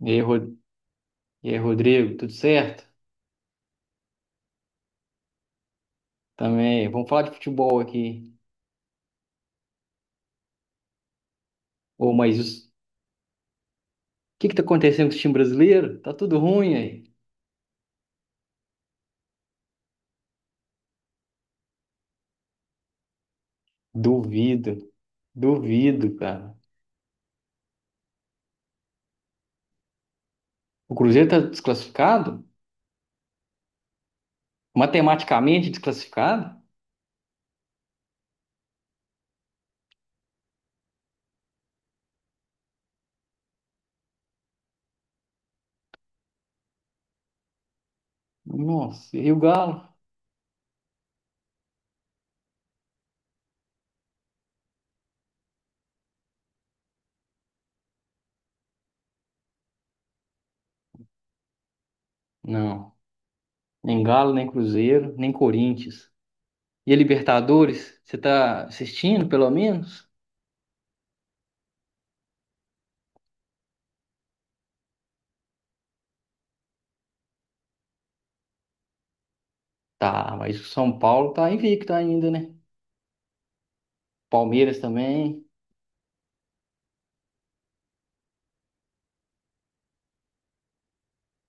E aí, Ro- e aí, Rodrigo, tudo certo? Também. Vamos falar de futebol aqui. Ô, mas o que que tá acontecendo com o time brasileiro? Tá tudo ruim aí. Duvido, duvido, cara. O Cruzeiro tá desclassificado? Matematicamente desclassificado? Nossa, e o Galo? Não, nem Galo, nem Cruzeiro, nem Corinthians. E a Libertadores? Você tá assistindo, pelo menos? Tá, mas o São Paulo tá invicto ainda, né? Palmeiras também.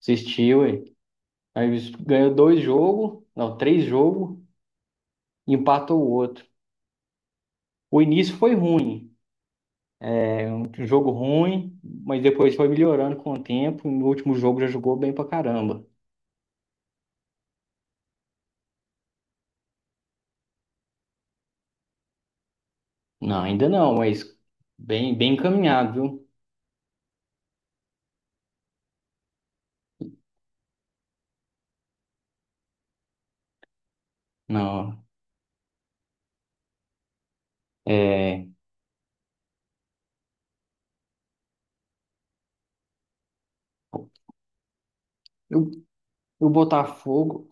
Assistiu. Aí ganhou dois jogos, não, três jogos, e empatou o outro. O início foi ruim, um jogo ruim, mas depois foi melhorando com o tempo. No último jogo já jogou bem pra caramba. Não, ainda não, mas bem, bem encaminhado, viu? Não, é. O, o Botafogo,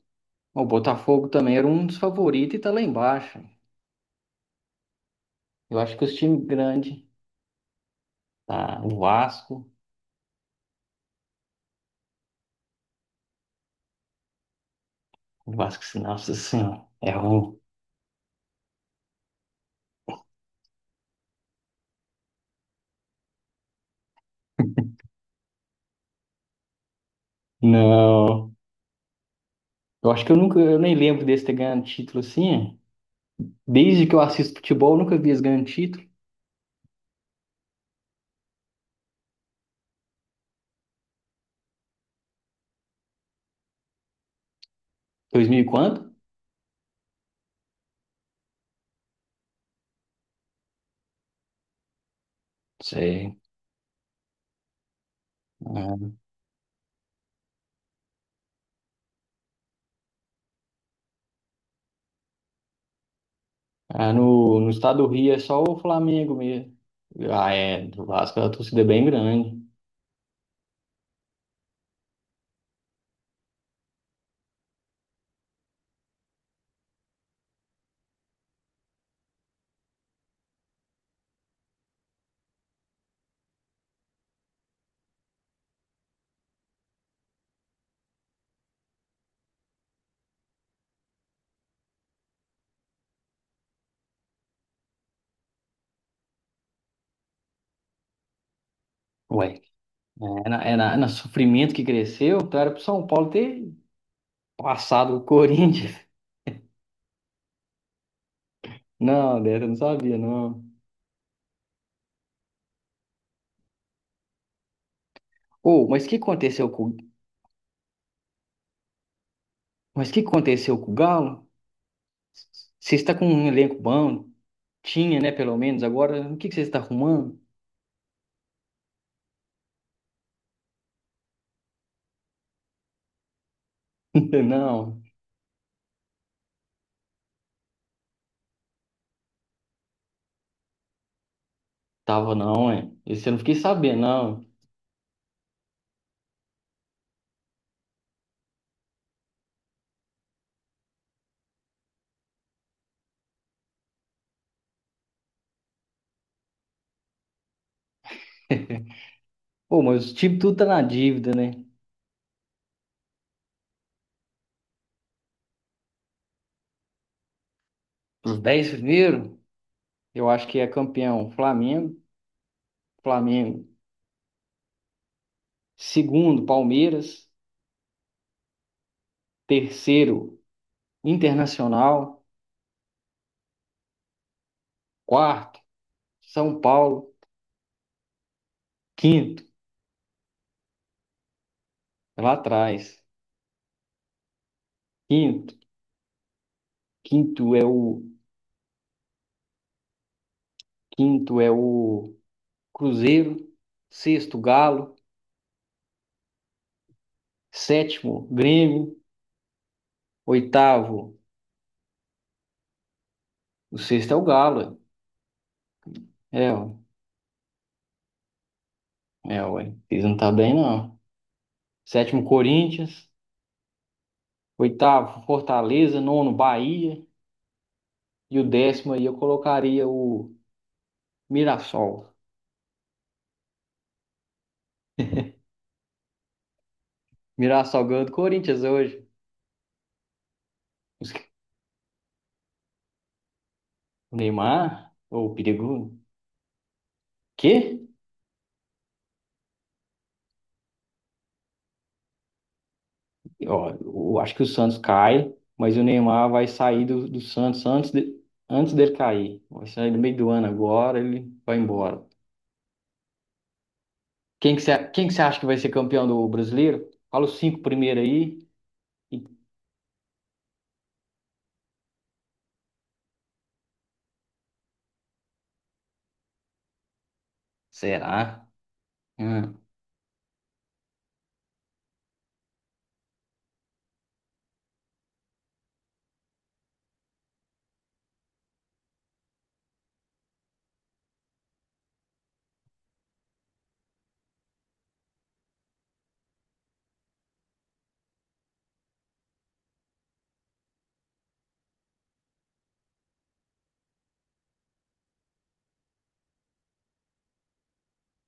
o Botafogo também era um dos favoritos e tá lá embaixo. Eu acho que os times grandes, tá? o Vasco nossa senhora, é ruim. Não. Eu acho que eu nem lembro deles ter ganhado título assim. É. Desde que eu assisto futebol, eu nunca vi eles ganhando título. 2000 e quanto? Sei. Ah, no estado do Rio é só o Flamengo mesmo. Ah, é, do Vasco a torcida é bem grande. Ué, é na sofrimento que cresceu, então era pro São Paulo ter passado o Corinthians. Não, Débora, eu não sabia, não. Ô, mas o que aconteceu com o Galo? Você está com um elenco bom? Tinha, né, pelo menos. Agora, o que que você está arrumando? Não, tava não, é. Esse eu não fiquei sabendo, não. Pô, mas os times tudo tá na dívida, né? Os 10 primeiros, eu acho que é campeão Flamengo, Flamengo. Segundo, Palmeiras. Terceiro, Internacional. Quarto, São Paulo. Quinto, é lá atrás. Quinto, quinto é o quinto é o Cruzeiro. Sexto, Galo. Sétimo, Grêmio. Oitavo, o sexto é o Galo. É, é, é, ué. Eles não tá bem, não. Sétimo, Corinthians. Oitavo, Fortaleza. Nono, Bahia. E o décimo aí eu colocaria o Mirassol. Mirassol ganhou do Corinthians hoje. Os- O Neymar, ô, o perigo. Quê? Ó, eu acho que o Santos cai, mas o Neymar vai sair do Santos antes, antes dele cair. Vai sair no meio do ano agora, ele vai embora. Quem que você acha que vai ser campeão do Brasileiro? Fala os cinco primeiro aí. E- Será? Hum.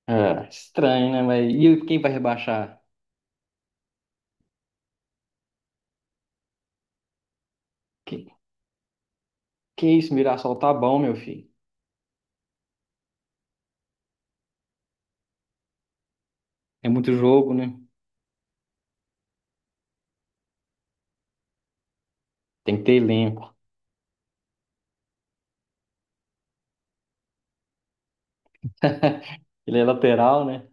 É, estranho, né? Mas e quem vai rebaixar? Que, que isso, Mirassol tá bom, meu filho. É muito jogo, né? Tem que ter elenco. Ele é lateral, né?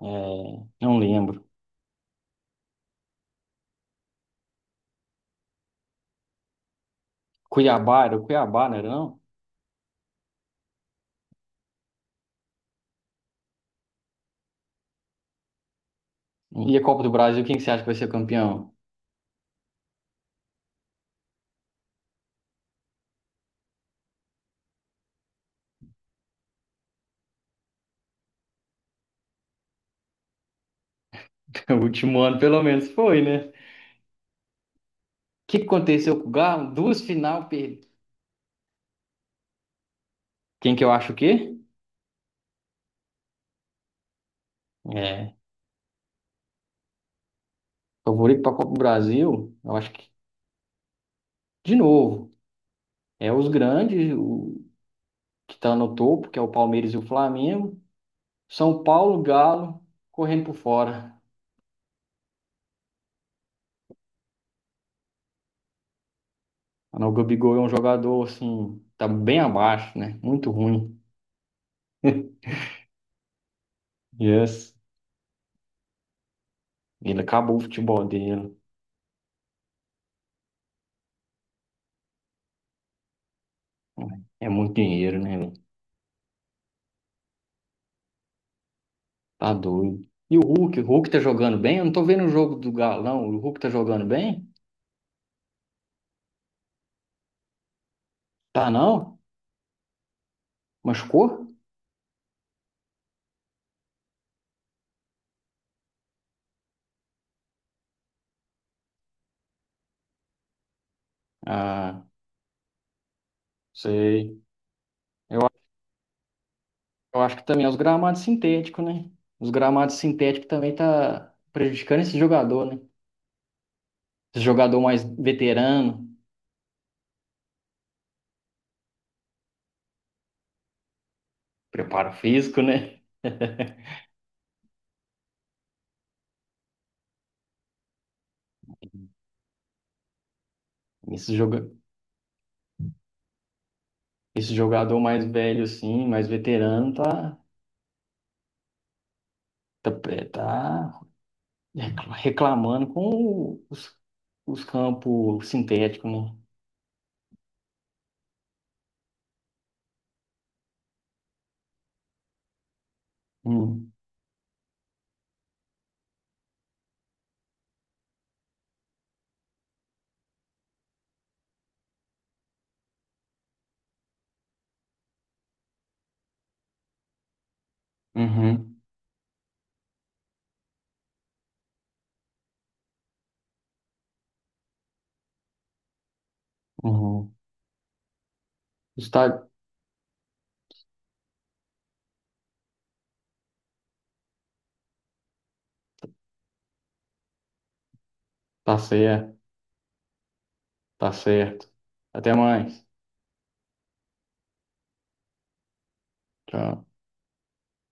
É, não lembro. Cuiabá, era o Cuiabá, não era não? E a Copa do Brasil, quem que você acha que vai ser campeão? O último ano, pelo menos, foi, né? O que que aconteceu com o Galo? Duas final perdidas. Quem que eu acho o quê? É, favorito pra Copa do Brasil, eu acho que, de novo, é os grandes, o que tá no topo, que é o Palmeiras e o Flamengo. São Paulo, Galo, correndo por fora. O Gabigol é um jogador, assim, tá bem abaixo, né? Muito ruim. Yes. Ele acabou o futebol dele. É muito dinheiro, né, velho? Tá doido. E o Hulk? O Hulk tá jogando bem? Eu não tô vendo o jogo do Galão. O Hulk tá jogando bem? Tá não? Machucou? Ah, sei. Eu, eu acho que também é os gramados sintéticos, né? Os gramados sintéticos também tá prejudicando esse jogador, né? Esse jogador mais veterano. Preparo físico, né? Esse joga... Esse jogador mais velho, assim, mais veterano, tá reclamando com os campos sintéticos, né? Hum. Uhum, uhum. Está, tá certo, tá certo. Até mais. Tchau.